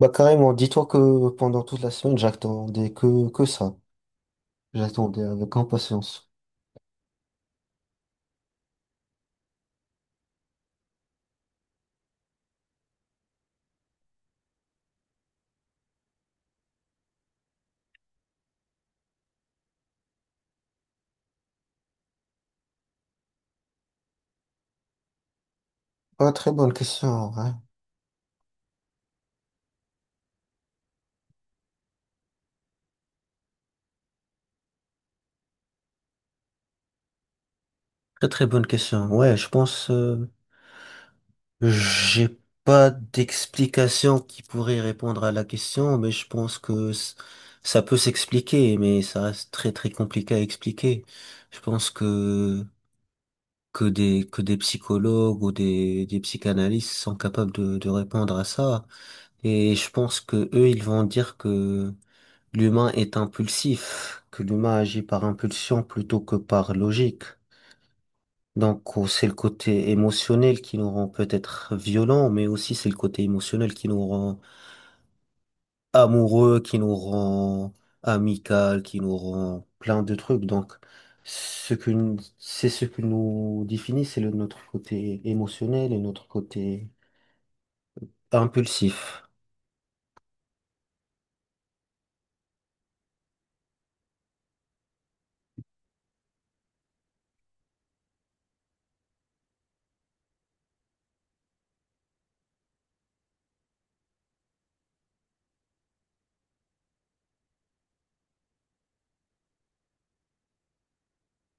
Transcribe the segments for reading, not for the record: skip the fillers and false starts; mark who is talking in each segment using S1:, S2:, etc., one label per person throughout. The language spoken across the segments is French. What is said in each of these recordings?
S1: Bah carrément, dis-toi que pendant toute la semaine, j'attendais que ça. J'attendais avec impatience. Ah, très bonne question, en vrai. Très très bonne question. Ouais, je pense, j'ai pas d'explication qui pourrait répondre à la question, mais je pense que c- ça peut s'expliquer, mais ça reste très très compliqué à expliquer. Je pense que des psychologues ou des psychanalystes sont capables de répondre à ça. Et je pense que eux, ils vont dire que l'humain est impulsif, que l'humain agit par impulsion plutôt que par logique. Donc oh, c'est le côté émotionnel qui nous rend peut-être violents, mais aussi c'est le côté émotionnel qui nous rend amoureux, qui nous rend amical, qui nous rend plein de trucs. Donc c'est ce que nous définit, notre côté émotionnel et notre côté impulsif.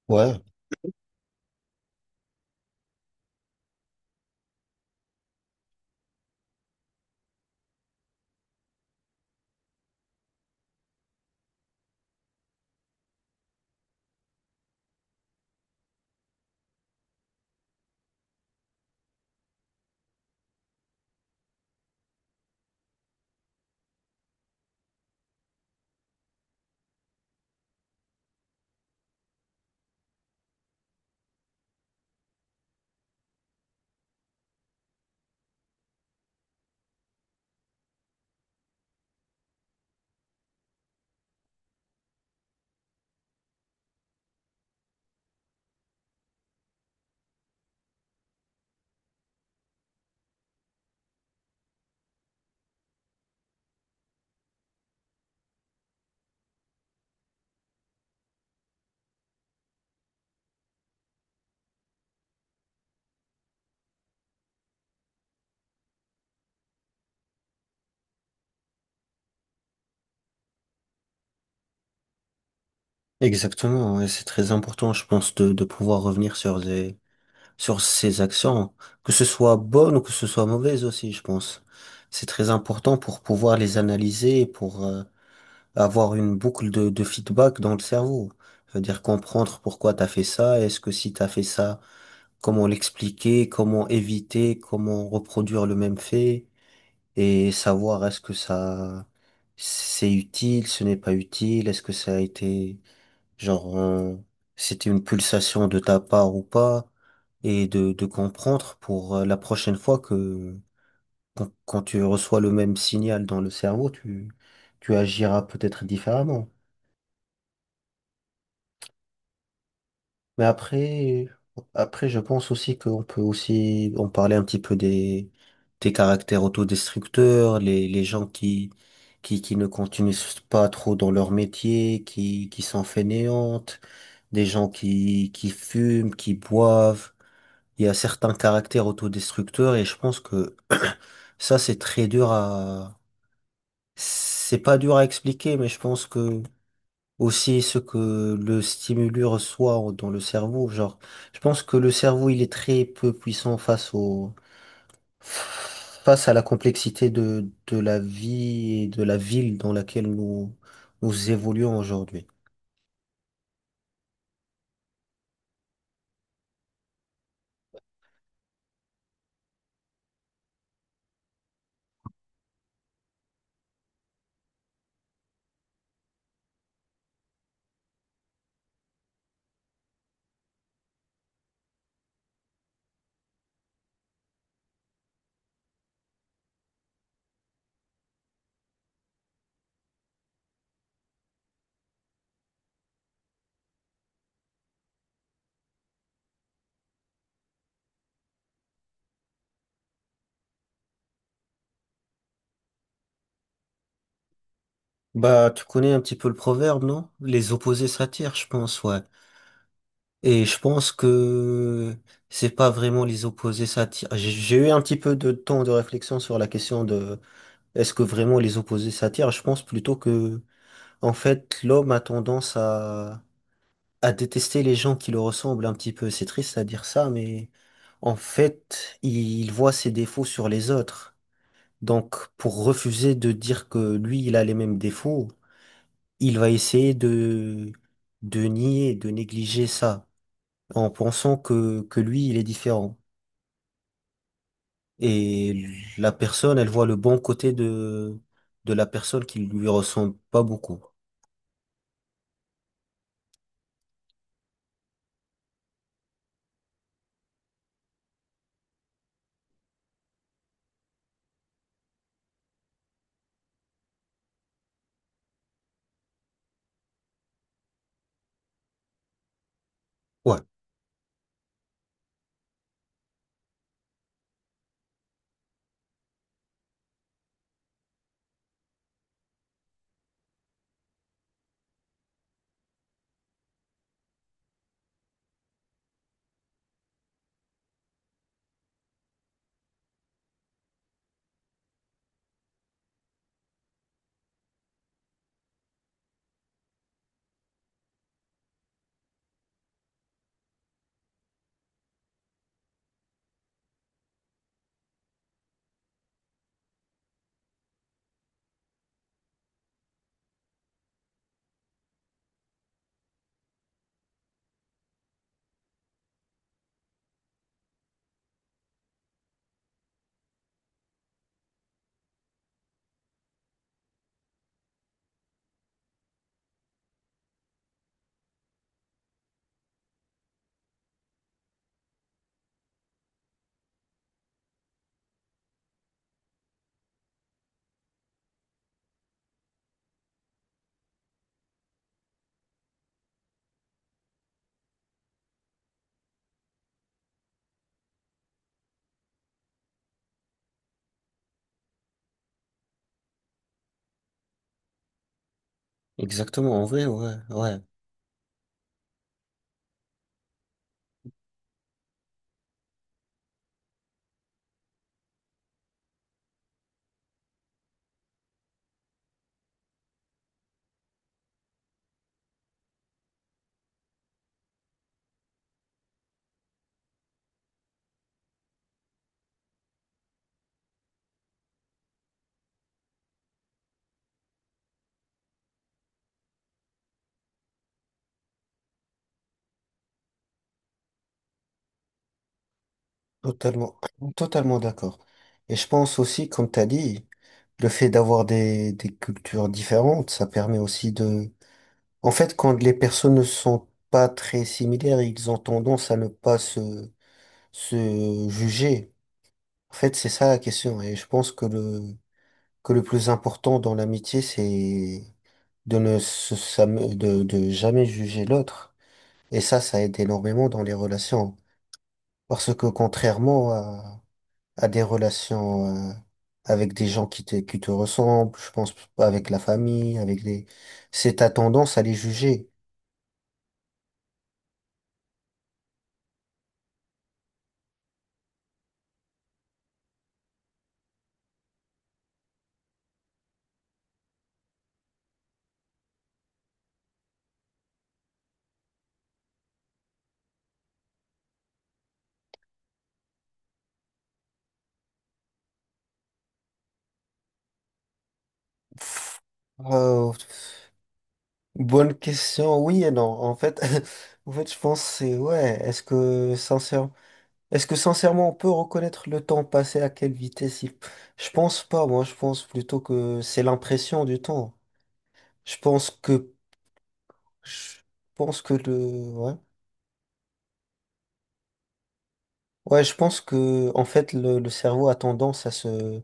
S1: Ouais, exactement. Ouais, c'est très important, je pense, de pouvoir revenir sur ses actions, que ce soit bonne ou que ce soit mauvaise aussi, je pense. C'est très important pour pouvoir les analyser, et pour avoir une boucle de feedback dans le cerveau. C'est-à-dire comprendre pourquoi t'as fait ça, est-ce que si t'as fait ça, comment l'expliquer, comment éviter, comment reproduire le même fait, et savoir est-ce que ça c'est utile, ce n'est pas utile, est-ce que ça a été Genre, euh, c'était une pulsation de ta part ou pas, et de comprendre pour la prochaine fois que quand tu reçois le même signal dans le cerveau, tu agiras peut-être différemment. Mais après, après, je pense aussi qu'on peut aussi en parler un petit peu des caractères autodestructeurs, les gens qui ne continuent pas trop dans leur métier, qui sont fainéantes, des gens qui fument, qui boivent. Il y a certains caractères autodestructeurs et je pense que ça, c'est très dur à... C'est pas dur à expliquer, mais je pense que aussi ce que le stimulus reçoit dans le cerveau, genre, je pense que le cerveau, il est très peu puissant face au... face à la complexité de la vie et de la ville dans laquelle nous évoluons aujourd'hui. Bah, tu connais un petit peu le proverbe, non? Les opposés s'attirent, je pense, ouais. Et je pense que c'est pas vraiment les opposés s'attirent. J'ai eu un petit peu de temps de réflexion sur la question de est-ce que vraiment les opposés s'attirent? Je pense plutôt que, en fait, l'homme a tendance à détester les gens qui le ressemblent un petit peu. C'est triste à dire ça, mais en fait, il voit ses défauts sur les autres. Donc, pour refuser de dire que lui, il a les mêmes défauts, il va essayer de nier, de négliger ça en pensant que lui, il est différent. Et la personne, elle voit le bon côté de la personne qui lui ressemble pas beaucoup. Ouais, exactement, en vrai, ouais, ouais. Totalement, totalement d'accord. Et je pense aussi, comme t'as dit, le fait d'avoir des cultures différentes, ça permet aussi de... En fait, quand les personnes ne sont pas très similaires, ils ont tendance à ne pas se juger. En fait, c'est ça la question. Et je pense que que le plus important dans l'amitié, c'est de ne se, sam- de jamais juger l'autre. Et ça aide énormément dans les relations. Parce que contrairement à des relations avec des gens qui te ressemblent, je pense avec la famille, avec les... C'est ta tendance à les juger. Euh, Bonne question, oui et non. En fait, en fait, je pense c'est ouais. Est-ce que sincèrement on peut reconnaître le temps passé à quelle vitesse il... Je pense pas, moi je pense plutôt que c'est l'impression du temps. Je pense que... Je pense que le... Ouais. Ouais, je pense que en fait le cerveau a tendance à se...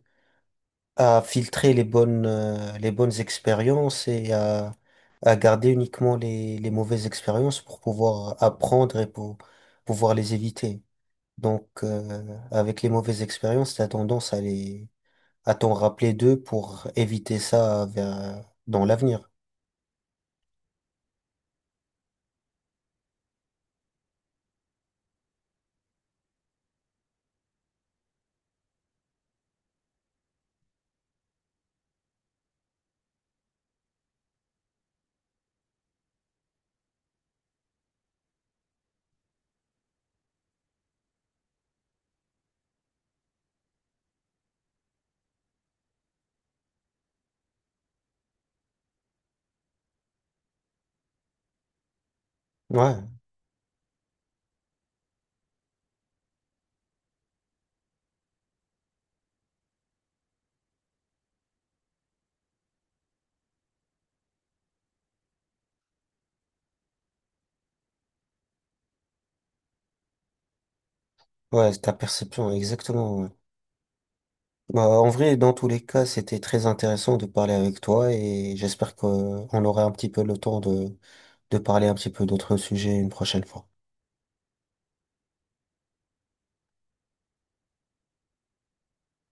S1: à filtrer les bonnes expériences et à garder uniquement les mauvaises expériences pour pouvoir apprendre et pour pouvoir les éviter. Donc avec les mauvaises expériences, t'as tendance à les... à t'en rappeler d'eux pour éviter dans l'avenir? Ouais, ouais, c'est ta perception, exactement. Ouais. Bah, en vrai, dans tous les cas, c'était très intéressant de parler avec toi et j'espère qu'on aura un petit peu le temps de parler un petit peu d'autres sujets une prochaine fois.